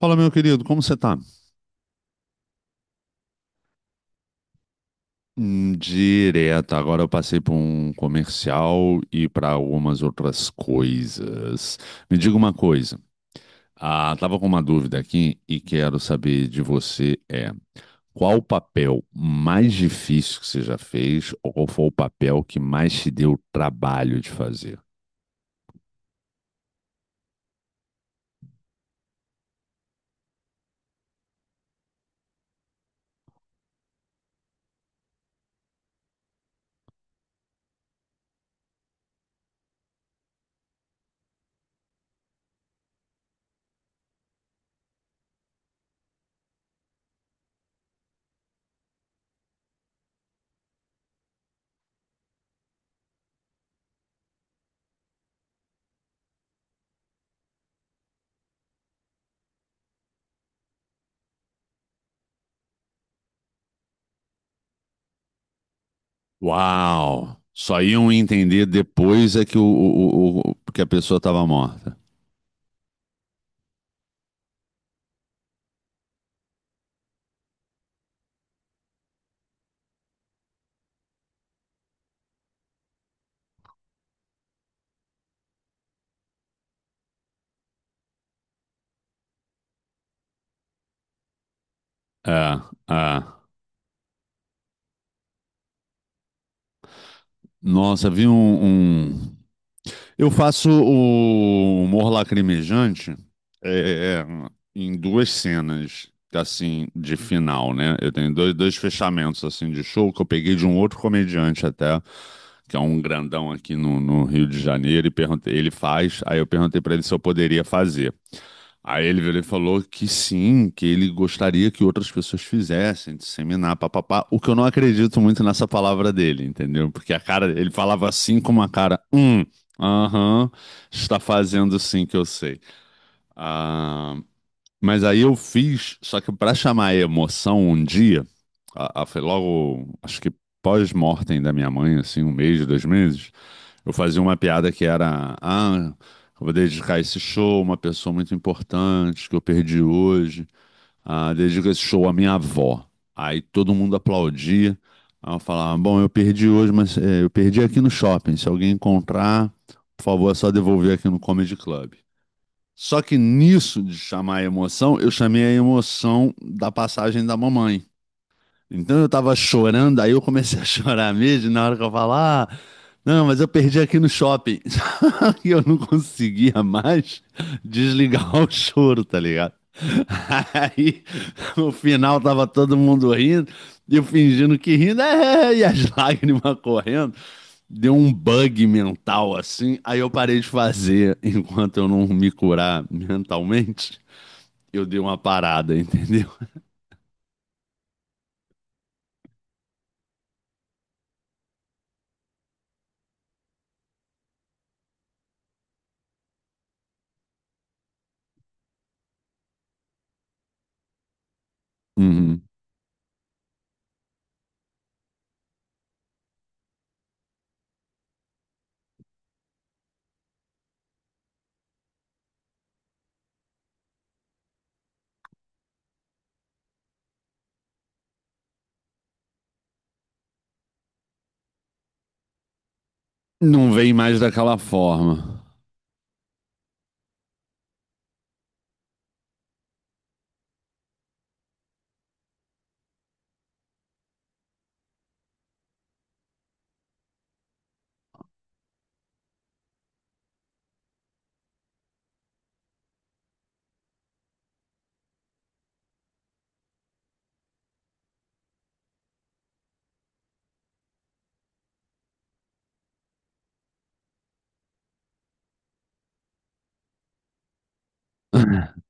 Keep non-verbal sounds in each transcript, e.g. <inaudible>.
Fala, meu querido, como você tá? Direto, agora eu passei por um comercial e para algumas outras coisas. Me diga uma coisa, estava com uma dúvida aqui e quero saber de você qual o papel mais difícil que você já fez ou qual foi o papel que mais te deu trabalho de fazer? Uau! Só iam entender depois é que, o- que a pessoa estava morta. É, é. Nossa, um- eu faço o humor lacrimejante é, é, é, em duas cenas, assim, de final, né? Eu tenho dois fechamentos, assim, de show que eu peguei de um outro comediante até, que é um grandão aqui no Rio de Janeiro, e perguntei, ele faz, aí eu perguntei pra ele se eu poderia fazer. Aí ele virou e falou que sim, que ele gostaria que outras pessoas fizessem, disseminar, papapá. O que eu não acredito muito nessa palavra dele, entendeu? Porque a cara, ele falava assim com uma cara, aham, está fazendo sim que eu sei. Ah, mas aí eu fiz, só que para chamar a emoção um dia, foi logo, acho que pós-mortem da minha mãe, assim, um mês, dois meses. Eu fazia uma piada que era, ah, eu vou dedicar esse show a uma pessoa muito importante que eu perdi hoje. Ah, dedico esse show à minha avó. Aí todo mundo aplaudia. Aí eu falava, bom, eu perdi hoje, mas eu perdi aqui no shopping. Se alguém encontrar, por favor, é só devolver aqui no Comedy Club. Só que nisso de chamar a emoção, eu chamei a emoção da passagem da mamãe. Então eu tava chorando, aí eu comecei a <laughs> chorar mesmo, na hora que eu falar, ah, não, mas eu perdi aqui no shopping. <laughs> E eu não conseguia mais desligar o choro, tá ligado? <laughs> Aí no final tava todo mundo rindo, e eu fingindo que rindo, e as <laughs> lágrimas correndo. Deu um bug mental assim, aí eu parei de fazer <laughs> enquanto eu não me curar mentalmente. Eu dei uma parada, <laughs> entendeu? Uhum. Não vem mais daquela forma. <laughs>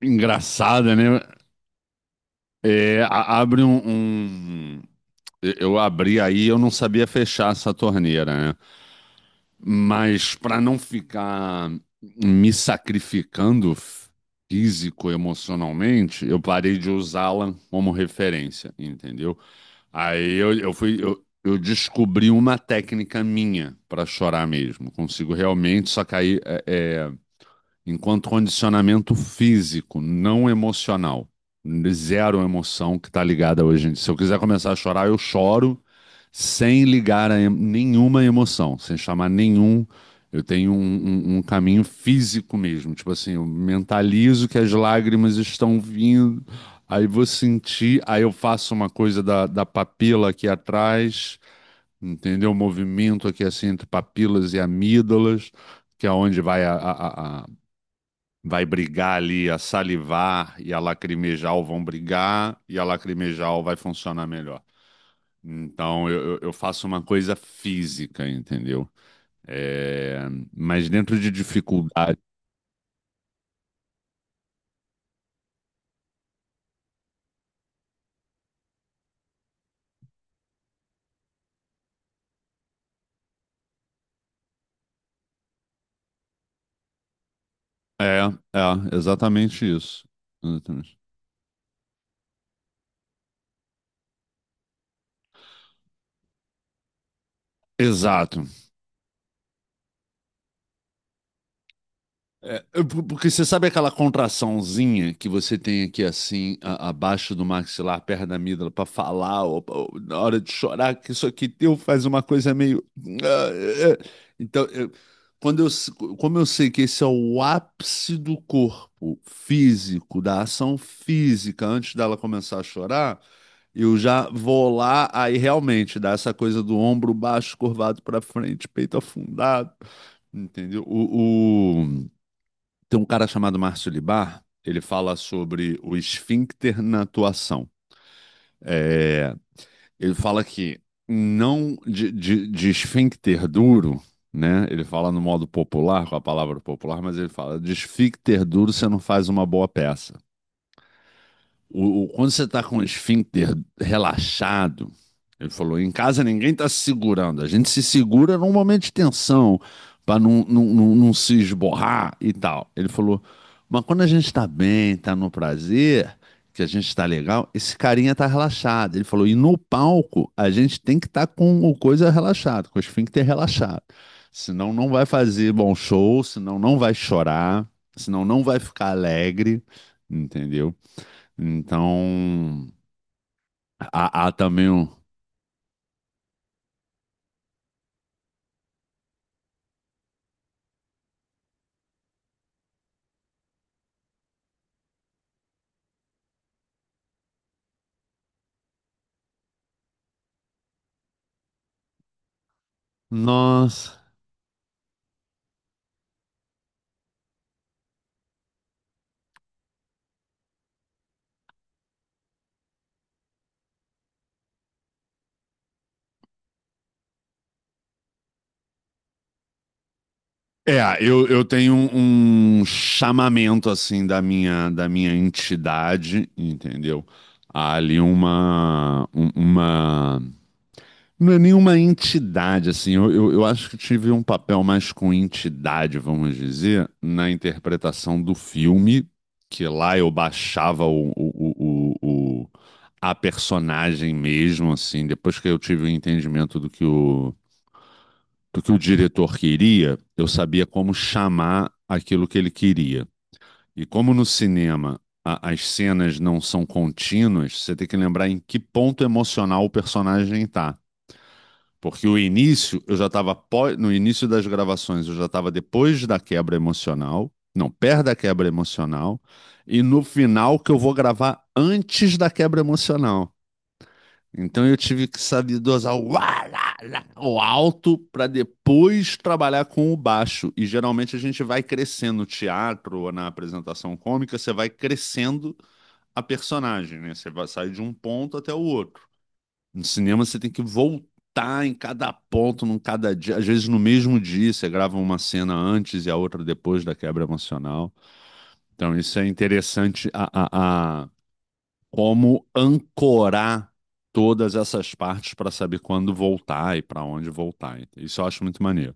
Engraçada, né? Abre um- eu abri aí, eu não sabia fechar essa torneira, né? Mas para não ficar me sacrificando físico, emocionalmente, eu parei de usá-la como referência, entendeu? Aí eu fui. Eu descobri uma técnica minha para chorar mesmo. Consigo realmente, só que aí enquanto condicionamento físico, não emocional. Zero emoção que está ligada hoje em dia. Se eu quiser começar a chorar, eu choro sem ligar nenhuma emoção, sem chamar nenhum. Eu tenho um caminho físico mesmo. Tipo assim, eu mentalizo que as lágrimas estão vindo, aí vou sentir, aí eu faço uma coisa da papila aqui atrás, entendeu? O movimento aqui assim entre papilas e amígdalas que é onde vai vai brigar ali, a salivar e a lacrimejal vão brigar e a lacrimejal vai funcionar melhor. Então eu faço uma coisa física, entendeu? É, mas dentro de dificuldade. É, é, exatamente isso. Exatamente. Exato. Porque você sabe aquela contraçãozinha que você tem aqui assim, abaixo do maxilar, perto da amígdala, pra falar, ou na hora de chorar, que isso aqui teu faz uma coisa meio. Ah, é, é. Então, eu- quando eu, s- Como eu sei que esse é o ápice do corpo físico, da ação física, antes dela começar a chorar, eu já vou lá, aí realmente dá essa coisa do ombro baixo, curvado pra frente, peito afundado, entendeu? Tem um cara chamado Márcio Libar, ele fala sobre o esfíncter na atuação. É, ele fala que não de esfíncter duro, né? Ele fala no modo popular, com a palavra popular, mas ele fala de esfíncter duro você não faz uma boa peça. Quando você está com o esfíncter relaxado, ele falou, em casa ninguém está se segurando. A gente se segura num momento de tensão, para não se esborrar e tal. Ele falou, mas quando a gente está bem, está no prazer, que a gente está legal, esse carinha está relaxado. Ele falou, e no palco a gente tem que estar com o coisa relaxado, com o esfíncter relaxado. Senão não vai fazer bom show, senão não vai chorar, senão não vai ficar alegre, entendeu? Então, há também um. Nossa. Eu tenho um chamamento assim da minha entidade, entendeu? Há ali uma um- uma Não é nenhuma entidade, assim. Eu acho que tive um papel mais com entidade, vamos dizer, na interpretação do filme, que lá eu baixava a personagem mesmo, assim. Depois que eu tive o entendimento do que o diretor queria, eu sabia como chamar aquilo que ele queria. E como no cinema as cenas não são contínuas, você tem que lembrar em que ponto emocional o personagem está. Porque o início, eu já estava no início das gravações, eu já estava depois da quebra emocional, não, perto da quebra emocional, e no final que eu vou gravar antes da quebra emocional. Então eu tive que saber dosar o, uá, lá, lá, o alto para depois trabalhar com o baixo. E geralmente a gente vai crescendo no teatro ou na apresentação cômica, você vai crescendo a personagem, né? Você vai sair de um ponto até o outro. No cinema você tem que voltar em cada ponto, num cada dia, às vezes no mesmo dia você grava uma cena antes e a outra depois da quebra emocional. Então isso é interessante a como ancorar todas essas partes para saber quando voltar e para onde voltar. Isso eu acho muito maneiro.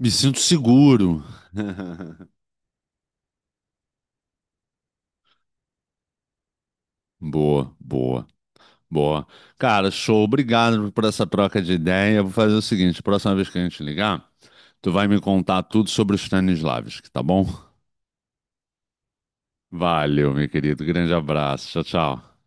Me sinto seguro. <laughs> Boa. Boa. Cara, show. Obrigado por essa troca de ideia. Vou fazer o seguinte: próxima vez que a gente ligar, tu vai me contar tudo sobre os Stanislavski, tá bom? Valeu, meu querido. Grande abraço. Tchau, tchau.